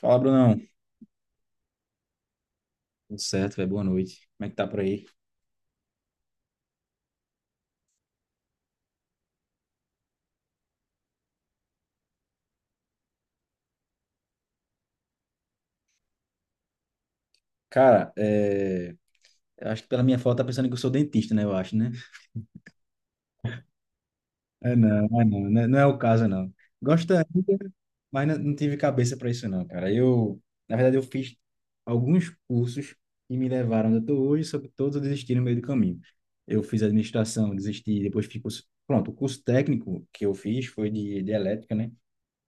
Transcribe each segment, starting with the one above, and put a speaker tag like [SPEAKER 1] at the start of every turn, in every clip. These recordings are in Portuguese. [SPEAKER 1] Fala, Brunão. Tudo certo, velho? Boa noite. Como é que tá por aí? Cara, é... eu acho que pela minha foto tá pensando que eu sou dentista, né? Eu acho, né? Não, né? Não é o caso, não. Gostaria, mas não tive cabeça para isso, não, cara. Na verdade, eu fiz alguns cursos que me levaram onde eu tô hoje, só que todos eu desisti no meio do caminho. Eu fiz administração, desisti, depois fiz curso... Pronto, o curso técnico que eu fiz foi de elétrica, né?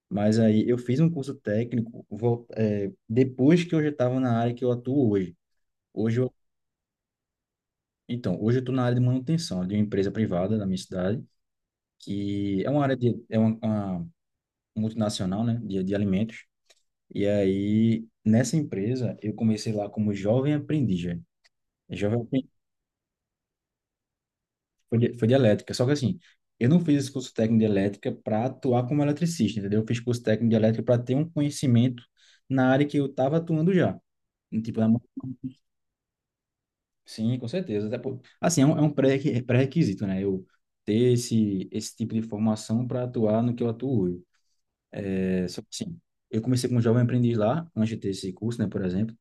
[SPEAKER 1] Mas aí eu fiz um curso técnico vol- é, depois que eu já estava na área que eu atuo hoje. Hoje eu, então, hoje eu estou na área de manutenção de uma empresa privada da minha cidade, que é uma área, uma multinacional, né, de alimentos. E aí, nessa empresa, eu comecei lá como jovem aprendiz, velho. Jovem aprendiz foi de elétrica, só que assim, eu não fiz esse curso técnico de elétrica para atuar como eletricista, entendeu? Eu fiz curso técnico de elétrica para ter um conhecimento na área que eu estava atuando já, tipo, na Sim, com certeza. Até por... Assim, pré-requisito, né? Eu ter esse tipo de formação para atuar no que eu atuo hoje. É, só que, assim, eu comecei como jovem aprendiz lá, antes de ter esse curso, né, por exemplo,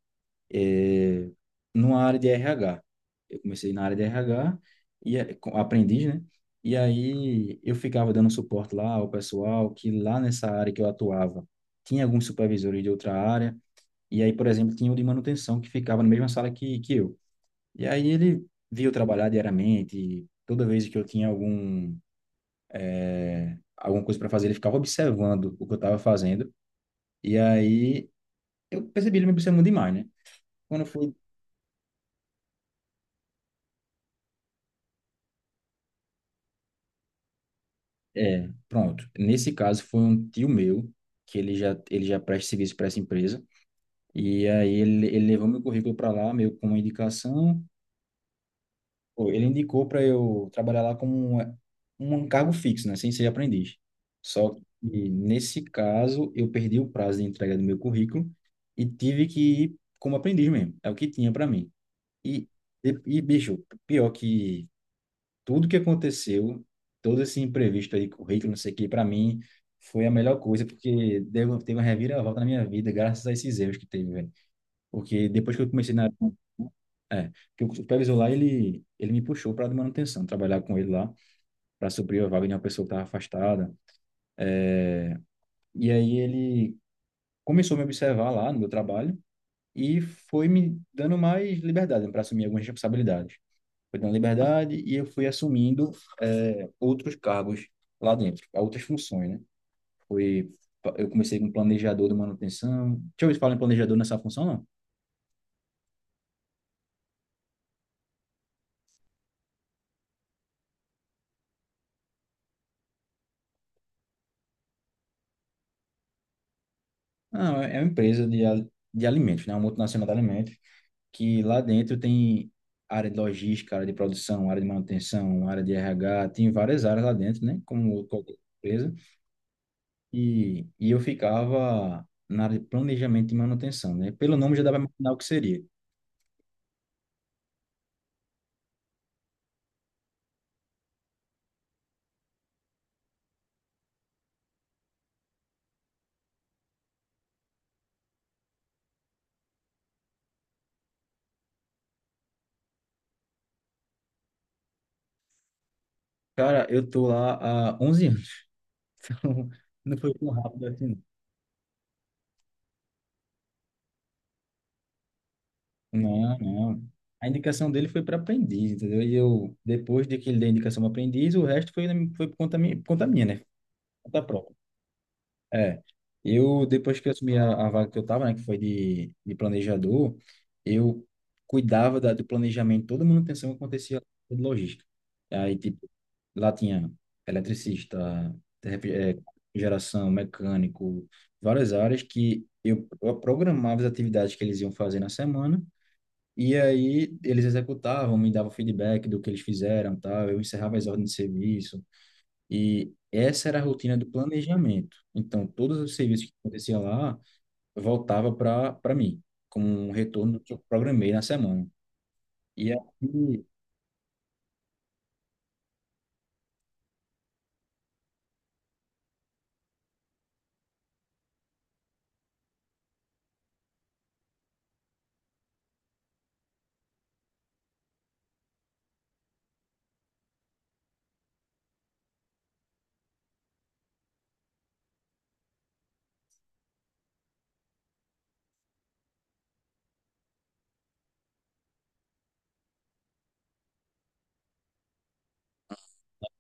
[SPEAKER 1] é, numa área de RH. Eu comecei na área de RH, aprendiz, né? E aí eu ficava dando suporte lá ao pessoal que lá nessa área que eu atuava tinha alguns supervisores de outra área. E aí, por exemplo, tinha o de manutenção que ficava na mesma sala que eu. E aí ele via eu trabalhar diariamente, e toda vez que eu tinha alguma coisa para fazer, ele ficava observando o que eu estava fazendo. E aí eu percebi ele me observando demais, né? Quando eu fui, é, pronto. Nesse caso foi um tio meu que ele já presta serviço para essa empresa. E aí ele levou meu currículo para lá, meio com uma indicação. Ele indicou para eu trabalhar lá como um cargo fixo, né, sem ser aprendiz. Só que nesse caso eu perdi o prazo de entrega do meu currículo e tive que ir como aprendiz mesmo. É o que tinha para mim. E, e bicho, pior que tudo que aconteceu, todo esse imprevisto aí, currículo, não sei o que, para mim foi a melhor coisa, porque deu, teve uma reviravolta na minha vida, graças a esses erros que teve, velho. Porque depois que eu comecei na É, porque o supervisor lá, ele me puxou para a manutenção, trabalhar com ele lá, para suprir a vaga de uma pessoa que estava afastada. E aí ele começou a me observar lá no meu trabalho e foi me dando mais liberdade para assumir algumas responsabilidades. Foi dando liberdade e eu fui assumindo outros cargos lá dentro, outras funções, né? Foi, eu comecei como planejador de manutenção. Deixa eu ver se fala em planejador nessa função, não. Não, é uma empresa de alimentos, né? Uma multinacional de alimentos, que lá dentro tem área de logística, área de produção, área de manutenção, área de RH, tem várias áreas lá dentro, né? Como qualquer empresa. E eu ficava na área de planejamento e manutenção, né? Pelo nome já dá para imaginar o que seria. Cara, eu tô lá há 11 anos, então não foi tão rápido assim. Não, não. A indicação dele foi para aprendiz, entendeu? E eu, depois de que ele deu a indicação para aprendiz, o resto foi, foi por conta minha, né? Conta própria. É, eu depois que eu assumi a vaga que eu tava, né, que foi de planejador, eu cuidava do planejamento, toda a manutenção que acontecia lá de logística. Aí, tipo, lá tinha eletricista, ref- eh, geração, mecânico, várias áreas que eu programava as atividades que eles iam fazer na semana, e aí eles executavam, me davam feedback do que eles fizeram, tal, eu encerrava as ordens de serviço, e essa era a rotina do planejamento. Então, todos os serviços que acontecia lá voltava para mim, como um retorno que eu programei na semana. E aqui,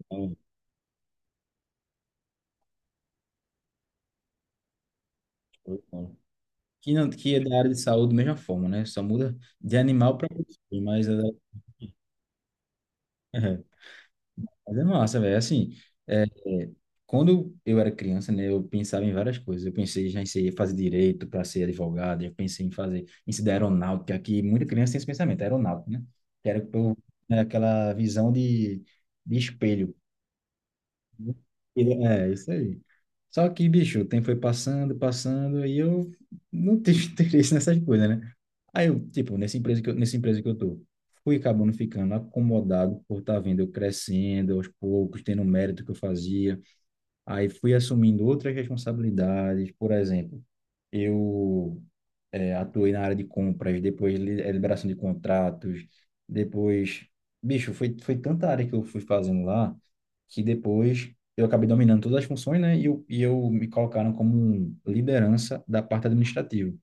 [SPEAKER 1] ó, foi bom. Que não, que é da área de saúde da mesma forma, né? Só muda de animal para pessoa, mas é, mas é massa, velho. Assim, é, é, quando eu era criança, né, eu pensava em várias coisas. Eu pensei já em ser, fazer direito para ser advogado, eu pensei em ser da aeronáutica, que muita criança tem esse pensamento, aeronáutica, né? Que era o que, né, aquela de espelho. É, isso aí. Só que, bicho, o tempo foi passando, passando, e eu não tive interesse nessas coisas, né? Aí eu, tipo, nessa empresa que eu tô, fui acabando ficando acomodado por estar tá vendo eu crescendo aos poucos, tendo o mérito que eu fazia. Aí fui assumindo outras responsabilidades, por exemplo, eu atuei na área de compras, depois liberação de contratos, depois, bicho, foi tanta área que eu fui fazendo lá, que depois eu acabei dominando todas as funções, né? E eu me colocaram como um liderança da parte administrativa.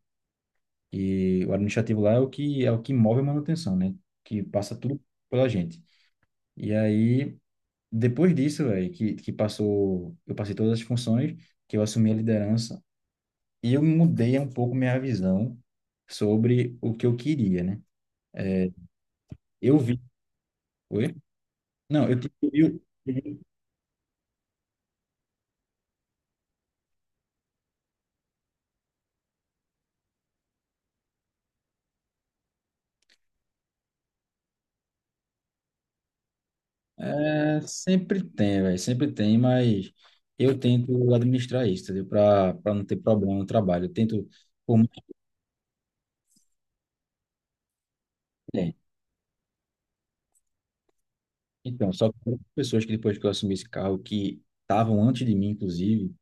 [SPEAKER 1] E o administrativo lá é o que move a manutenção, né? Que passa tudo pela gente. E aí depois disso, velho, que passou, eu passei todas as funções, que eu assumi a liderança, e eu mudei um pouco minha visão sobre o que eu queria, né? Eu vi. Oi? Não, eu tive. Eu- É, sempre tem, velho, sempre tem, mas eu tento administrar isso, entendeu? Para não ter problema no trabalho. Eu tento. Por mais que tenha. Então, só que pessoas que depois que eu assumi esse carro, que estavam antes de mim, inclusive.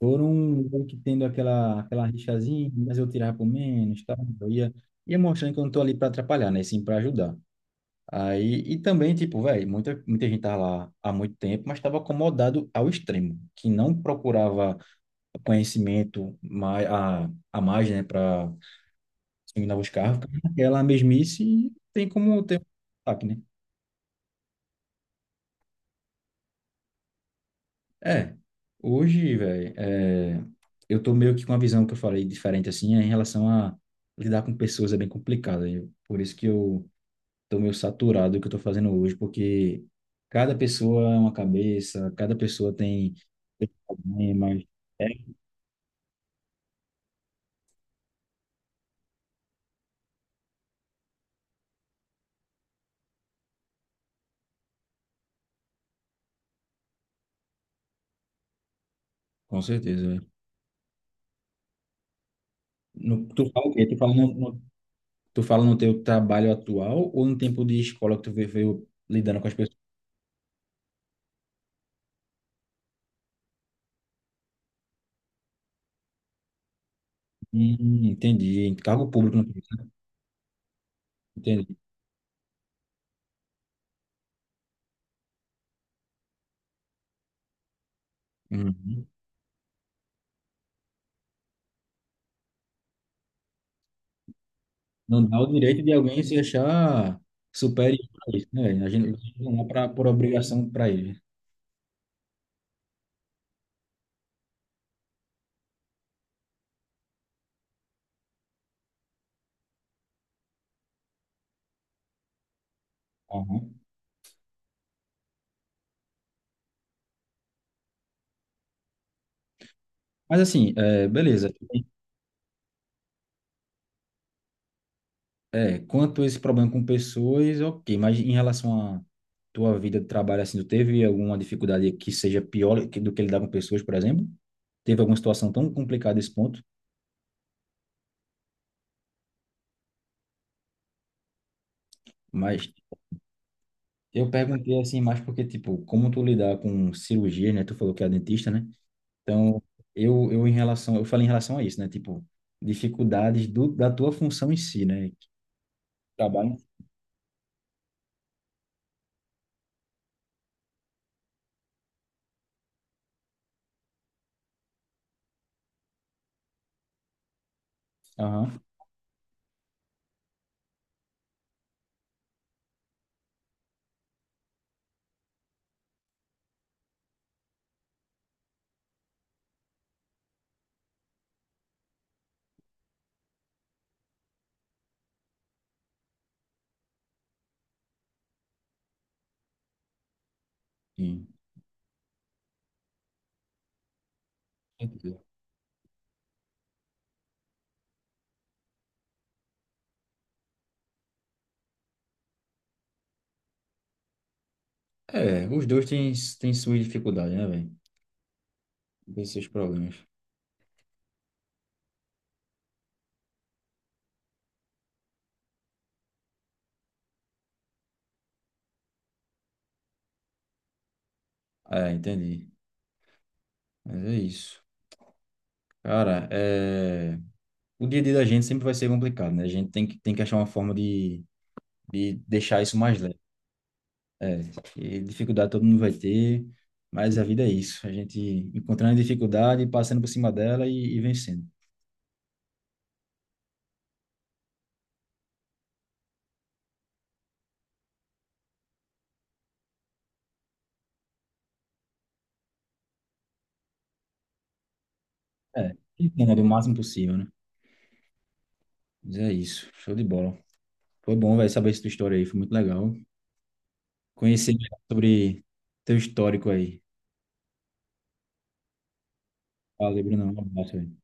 [SPEAKER 1] Foram meio que tendo aquela rixazinha, mas eu tirava por menos, tá? Eu ia, ia mostrando que eu não tô ali para atrapalhar, né? Sim, para ajudar. Aí, e também, tipo, velho, muita gente tava lá há muito tempo, mas estava acomodado ao extremo, que não procurava conhecimento mais, a mais, né, para dominar os carros, porque aquela mesmice e tem como ter um ataque, né? É, hoje, velho, é, eu tô meio que com uma visão que eu falei diferente, assim, é em relação a lidar com pessoas é bem complicado. Eu, por isso que eu tô meio saturado do que eu tô fazendo hoje, porque cada pessoa é uma cabeça, cada pessoa tem tem problemas. É, com certeza, velho. Tu fala o quê? Tu fala no teu trabalho atual ou no tempo de escola que tu veio lidando com as pessoas? Entendi. Cargo público, não entendi. Uhum. Não dá o direito de alguém se achar superior a isso, né, velho? A gente não é pra, por obrigação para ele. Aham. Mas assim, é, beleza. É, quanto a esse problema com pessoas, ok. Mas em relação à tua vida de trabalho, assim, tu teve alguma dificuldade que seja do que lidar com pessoas, por exemplo? Teve alguma situação tão complicada nesse ponto? Mas eu perguntei assim mais porque, tipo, como tu lidar com cirurgia, né? Tu falou que é dentista, né? Então, eu em relação, eu falei em relação a isso, né? Tipo, dificuldades da tua função em si, né? Trabalho. Aham, sim. Entendi. É, os dois têm, têm suas dificuldades, né, velho? Tem seus problemas. É, entendi. Mas é isso. Cara, é... o dia a dia da gente sempre vai ser complicado, né? A gente tem que achar uma forma de deixar isso mais leve. E dificuldade todo mundo vai ter, mas a vida é isso. A gente encontrando a dificuldade, passando por cima dela e vencendo. É, tentando ali o máximo possível, né? Mas é isso, show de bola. Foi bom, velho, saber essa tua história aí, foi muito legal. Conhecer melhor sobre teu histórico aí. Valeu, Bruno, um abraço, velho.